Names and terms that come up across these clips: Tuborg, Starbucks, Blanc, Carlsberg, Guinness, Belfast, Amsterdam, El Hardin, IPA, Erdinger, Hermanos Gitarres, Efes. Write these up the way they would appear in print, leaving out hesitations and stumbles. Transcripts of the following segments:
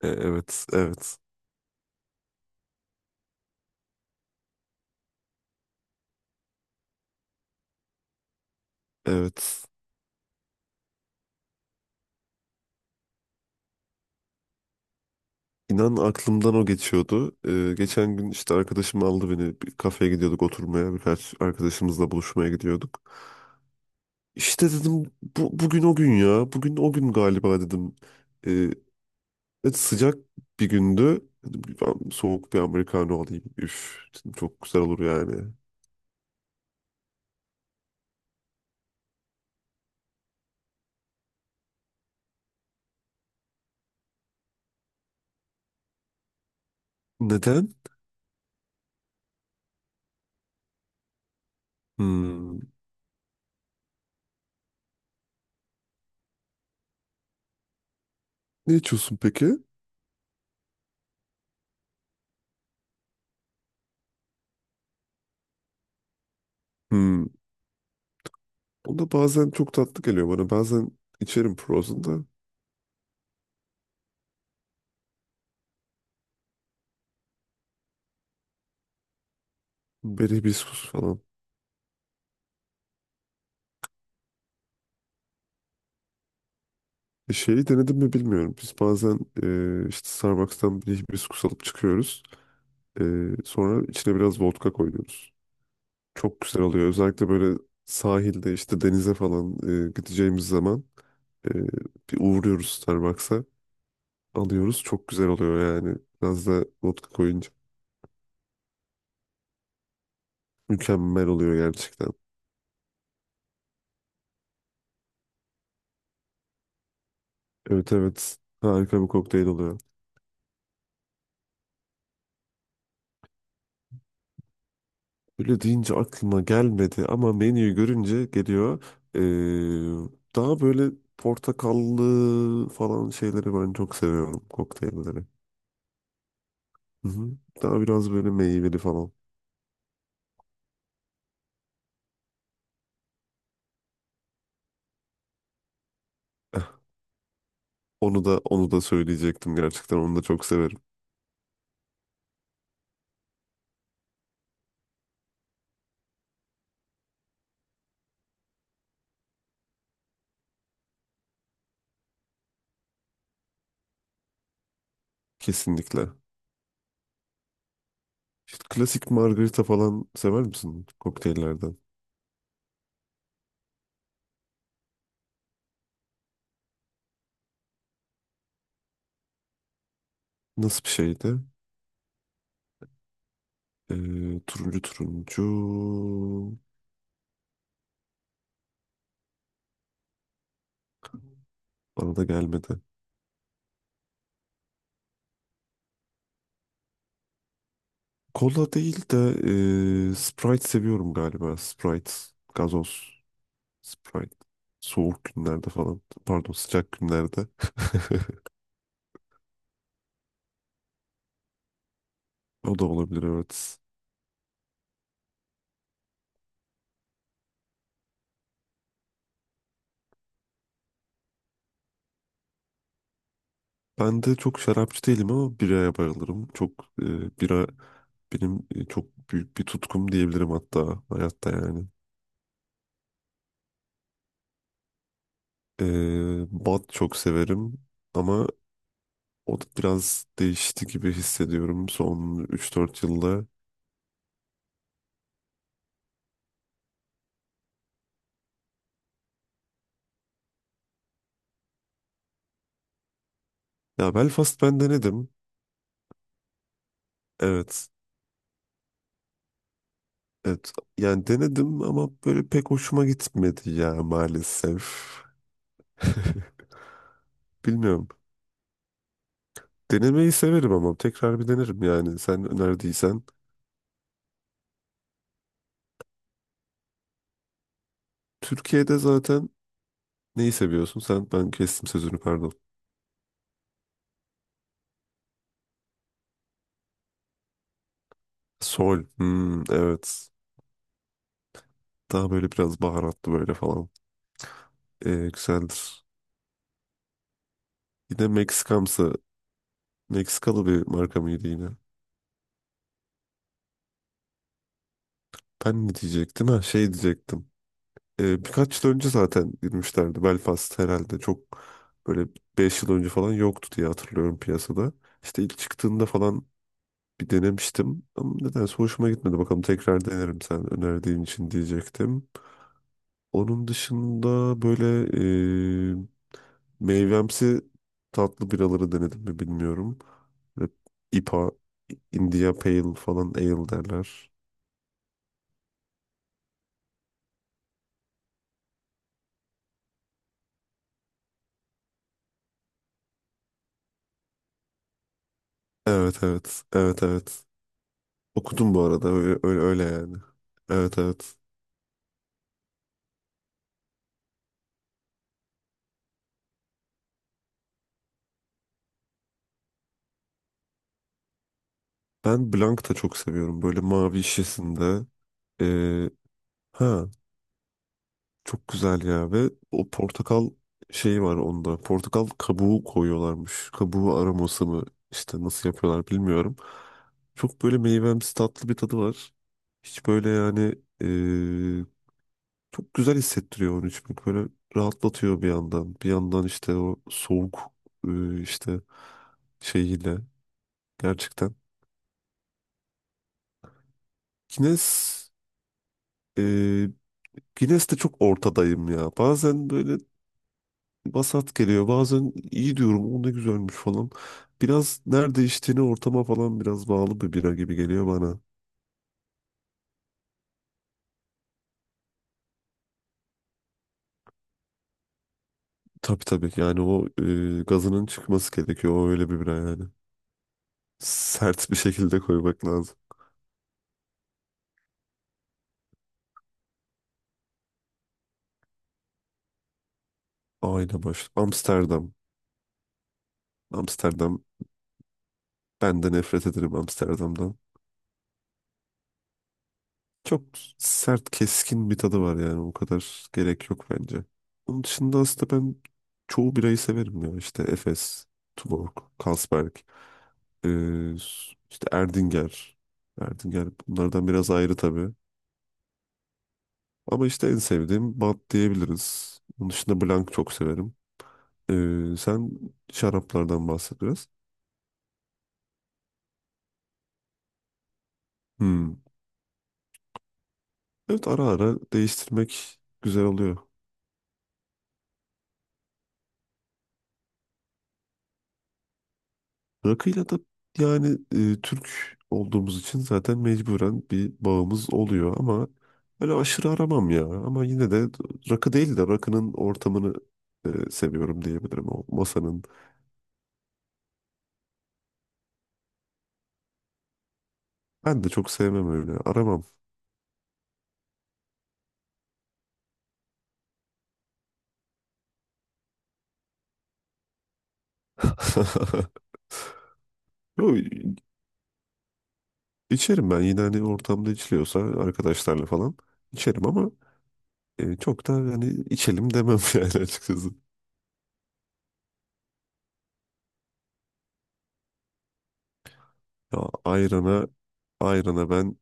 Evet, evet, evet. İnan aklımdan o geçiyordu. Geçen gün işte arkadaşım aldı beni. Bir kafeye gidiyorduk oturmaya. Birkaç arkadaşımızla buluşmaya gidiyorduk. İşte dedim bugün o gün ya. Bugün o gün galiba dedim. E, evet, sıcak bir gündü. Dedim ki, ben soğuk bir Americano alayım. Üf, dedim, çok güzel olur yani. Neden? Hmm. Ne içiyorsun peki? Hmm. O da bazen çok tatlı geliyor bana. Bazen içerim Frozen'da. Beri hibiskus falan. Şeyi denedim mi bilmiyorum. Biz bazen işte Starbucks'tan bir hibiskus alıp çıkıyoruz. E, Sonra içine biraz vodka koyuyoruz. Çok güzel oluyor. Özellikle böyle sahilde işte denize falan gideceğimiz zaman e, bir uğruyoruz Starbucks'a. Alıyoruz. Çok güzel oluyor yani. Biraz da vodka koyunca mükemmel oluyor gerçekten. Evet, evet. Harika bir kokteyl oluyor. Böyle deyince aklıma gelmedi ama menüyü görünce geliyor. Ee, Daha böyle portakallı falan şeyleri ben çok seviyorum kokteylleri. Hı hı. Daha biraz böyle meyveli falan. Eh, onu da söyleyecektim gerçekten onu da çok severim. Kesinlikle. İşte klasik margarita falan sever misin kokteyllerden? Nasıl bir şeydi? Turuncu turuncu bana da gelmedi. Kola değil de Sprite seviyorum galiba. Sprite, gazoz, Sprite. Soğuk günlerde falan. Pardon, sıcak günlerde. O da olabilir, evet. Ben de çok şarapçı değilim ama biraya bayılırım. Çok bira benim çok büyük bir tutkum diyebilirim hatta hayatta yani. Bat çok severim ama o da biraz değişti gibi hissediyorum son 3-4 yılda. Ya Belfast ben denedim. Evet. Evet, yani denedim ama böyle pek hoşuma gitmedi ya maalesef. Bilmiyorum. Denemeyi severim ama tekrar bir denerim yani sen önerdiysen. Türkiye'de zaten neyi seviyorsun? Sen, ben kestim sözünü, pardon. Sol. Hmm, evet. Daha böyle biraz baharatlı böyle falan. Güzeldir. Yine Meksikamsı. Meksikalı bir marka mıydı yine? Ben ne diyecektim? Ha, şey diyecektim. Birkaç yıl önce zaten girmişlerdi Belfast herhalde, çok böyle 5 yıl önce falan yoktu diye hatırlıyorum piyasada. İşte ilk çıktığında falan bir denemiştim ama nedense hoşuma gitmedi. Bakalım tekrar denerim sen önerdiğin için diyecektim. Onun dışında böyle e, meyvemsi tatlı biraları denedim mi bilmiyorum. Böyle IPA, India Pale falan ale derler. Evet, evet, evet, evet. Okudum bu arada, öyle öyle, öyle yani. Evet, evet. Ben Blanc da çok seviyorum. Böyle mavi şişesinde. Ee, ha, çok güzel ya ve o portakal şeyi var onda. Portakal kabuğu koyuyorlarmış. Kabuğu aroması mı, işte nasıl yapıyorlar bilmiyorum. Çok böyle meyvemsi tatlı bir tadı var. Hiç böyle yani ee, çok güzel hissettiriyor onu içmek. Böyle rahatlatıyor bir yandan. Bir yandan işte o soğuk işte şeyiyle gerçekten. Kines Guinness'te çok ortadayım ya. Bazen böyle vasat geliyor. Bazen iyi diyorum, o ne güzelmiş falan. Biraz nerede içtiğini, ortama falan biraz bağlı bir bira gibi geliyor bana. Tabii, tabii, yani o gazının çıkması gerekiyor. O öyle bir bira yani. Sert bir şekilde koymak lazım. Aynen. Amsterdam. Amsterdam. Ben de nefret ederim Amsterdam'dan. Çok sert, keskin bir tadı var yani. O kadar gerek yok bence. Onun dışında aslında ben çoğu birayı severim ya. İşte Efes, Tuborg, Carlsberg, ee, işte Erdinger. Erdinger bunlardan biraz ayrı tabii. Ama işte en sevdiğim bat diyebiliriz. Onun dışında Blanc çok severim. Sen şaraplardan bahset biraz. Hmm. Evet, ara ara değiştirmek güzel oluyor. Rakıyla da yani Türk olduğumuz için zaten mecburen bir bağımız oluyor ama öyle aşırı aramam ya. Ama yine de rakı değil de rakının ortamını seviyorum diyebilirim, o masanın. Ben de çok sevmem, öyle aramam. Yo, içerim ben yine hani ortamda içiliyorsa arkadaşlarla falan içerim ama çok da hani içelim demem yani açıkçası. Ya ayrana, ayrana ben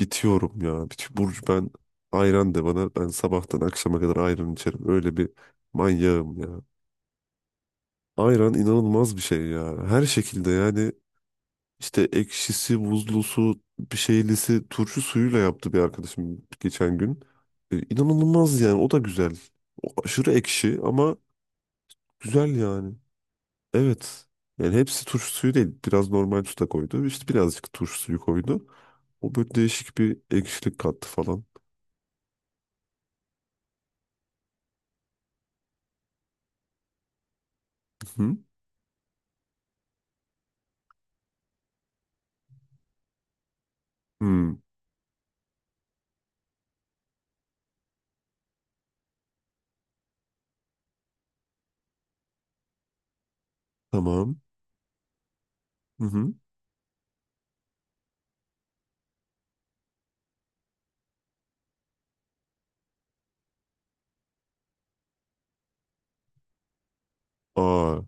bitiyorum ya. Burcu, ben ayran de bana. Ben sabahtan akşama kadar ayran içerim. Öyle bir manyağım ya. Ayran inanılmaz bir şey ya. Her şekilde yani işte ekşisi, buzlusu, bir şeylisi, turşu suyuyla yaptı bir arkadaşım geçen gün. İnanılmaz yani, o da güzel. O aşırı ekşi ama güzel yani. Evet. Yani hepsi turşu suyu değil. Biraz normal su da koydu. İşte birazcık turşu suyu koydu. O böyle değişik bir ekşilik kattı falan. Hı. Hı. Hmm. Tamam. Hı hı. Aa,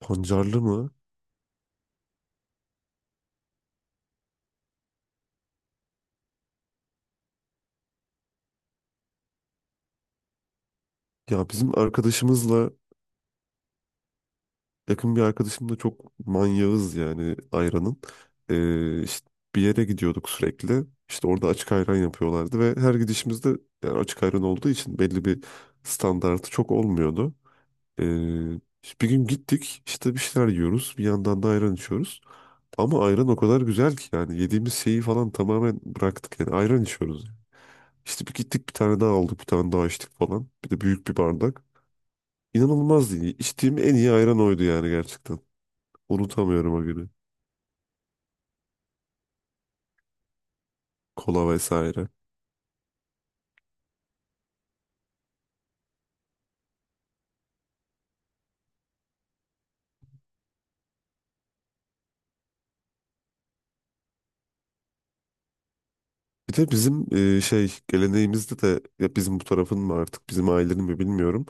pancarlı mı? Ya bizim arkadaşımızla Yakın bir arkadaşımla çok manyağız yani ayranın. İşte bir yere gidiyorduk sürekli. İşte orada açık ayran yapıyorlardı ve her gidişimizde, yani açık ayran olduğu için, belli bir standartı çok olmuyordu. Ee, işte bir gün gittik, işte bir şeyler yiyoruz, bir yandan da ayran içiyoruz. Ama ayran o kadar güzel ki yani yediğimiz şeyi falan tamamen bıraktık, yani ayran içiyoruz. İşte bir gittik, bir tane daha aldık, bir tane daha içtik falan. Bir de büyük bir bardak. İnanılmazdı. İyi. İçtiğim en iyi ayran oydu yani gerçekten. Unutamıyorum o günü. Kola vesaire. Bir de bizim şey geleneğimizde de, ya bizim bu tarafın mı, artık bizim ailenin mi bilmiyorum.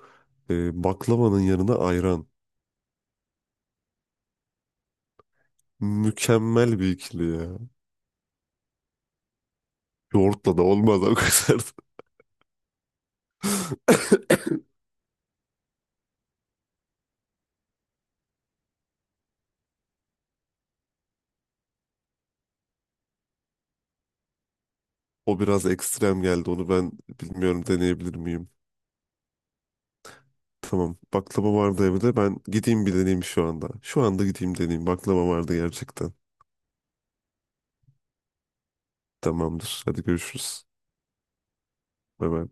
Baklavanın yanına ayran. Mükemmel bir ikili ya. Yoğurtla da olmaz o kadar. O biraz ekstrem geldi. Onu ben bilmiyorum, deneyebilir miyim? Tamam. Baklava vardı evde. Ben gideyim bir deneyeyim şu anda. Şu anda gideyim deneyeyim. Baklava vardı gerçekten. Tamamdır. Hadi görüşürüz. Bye bye.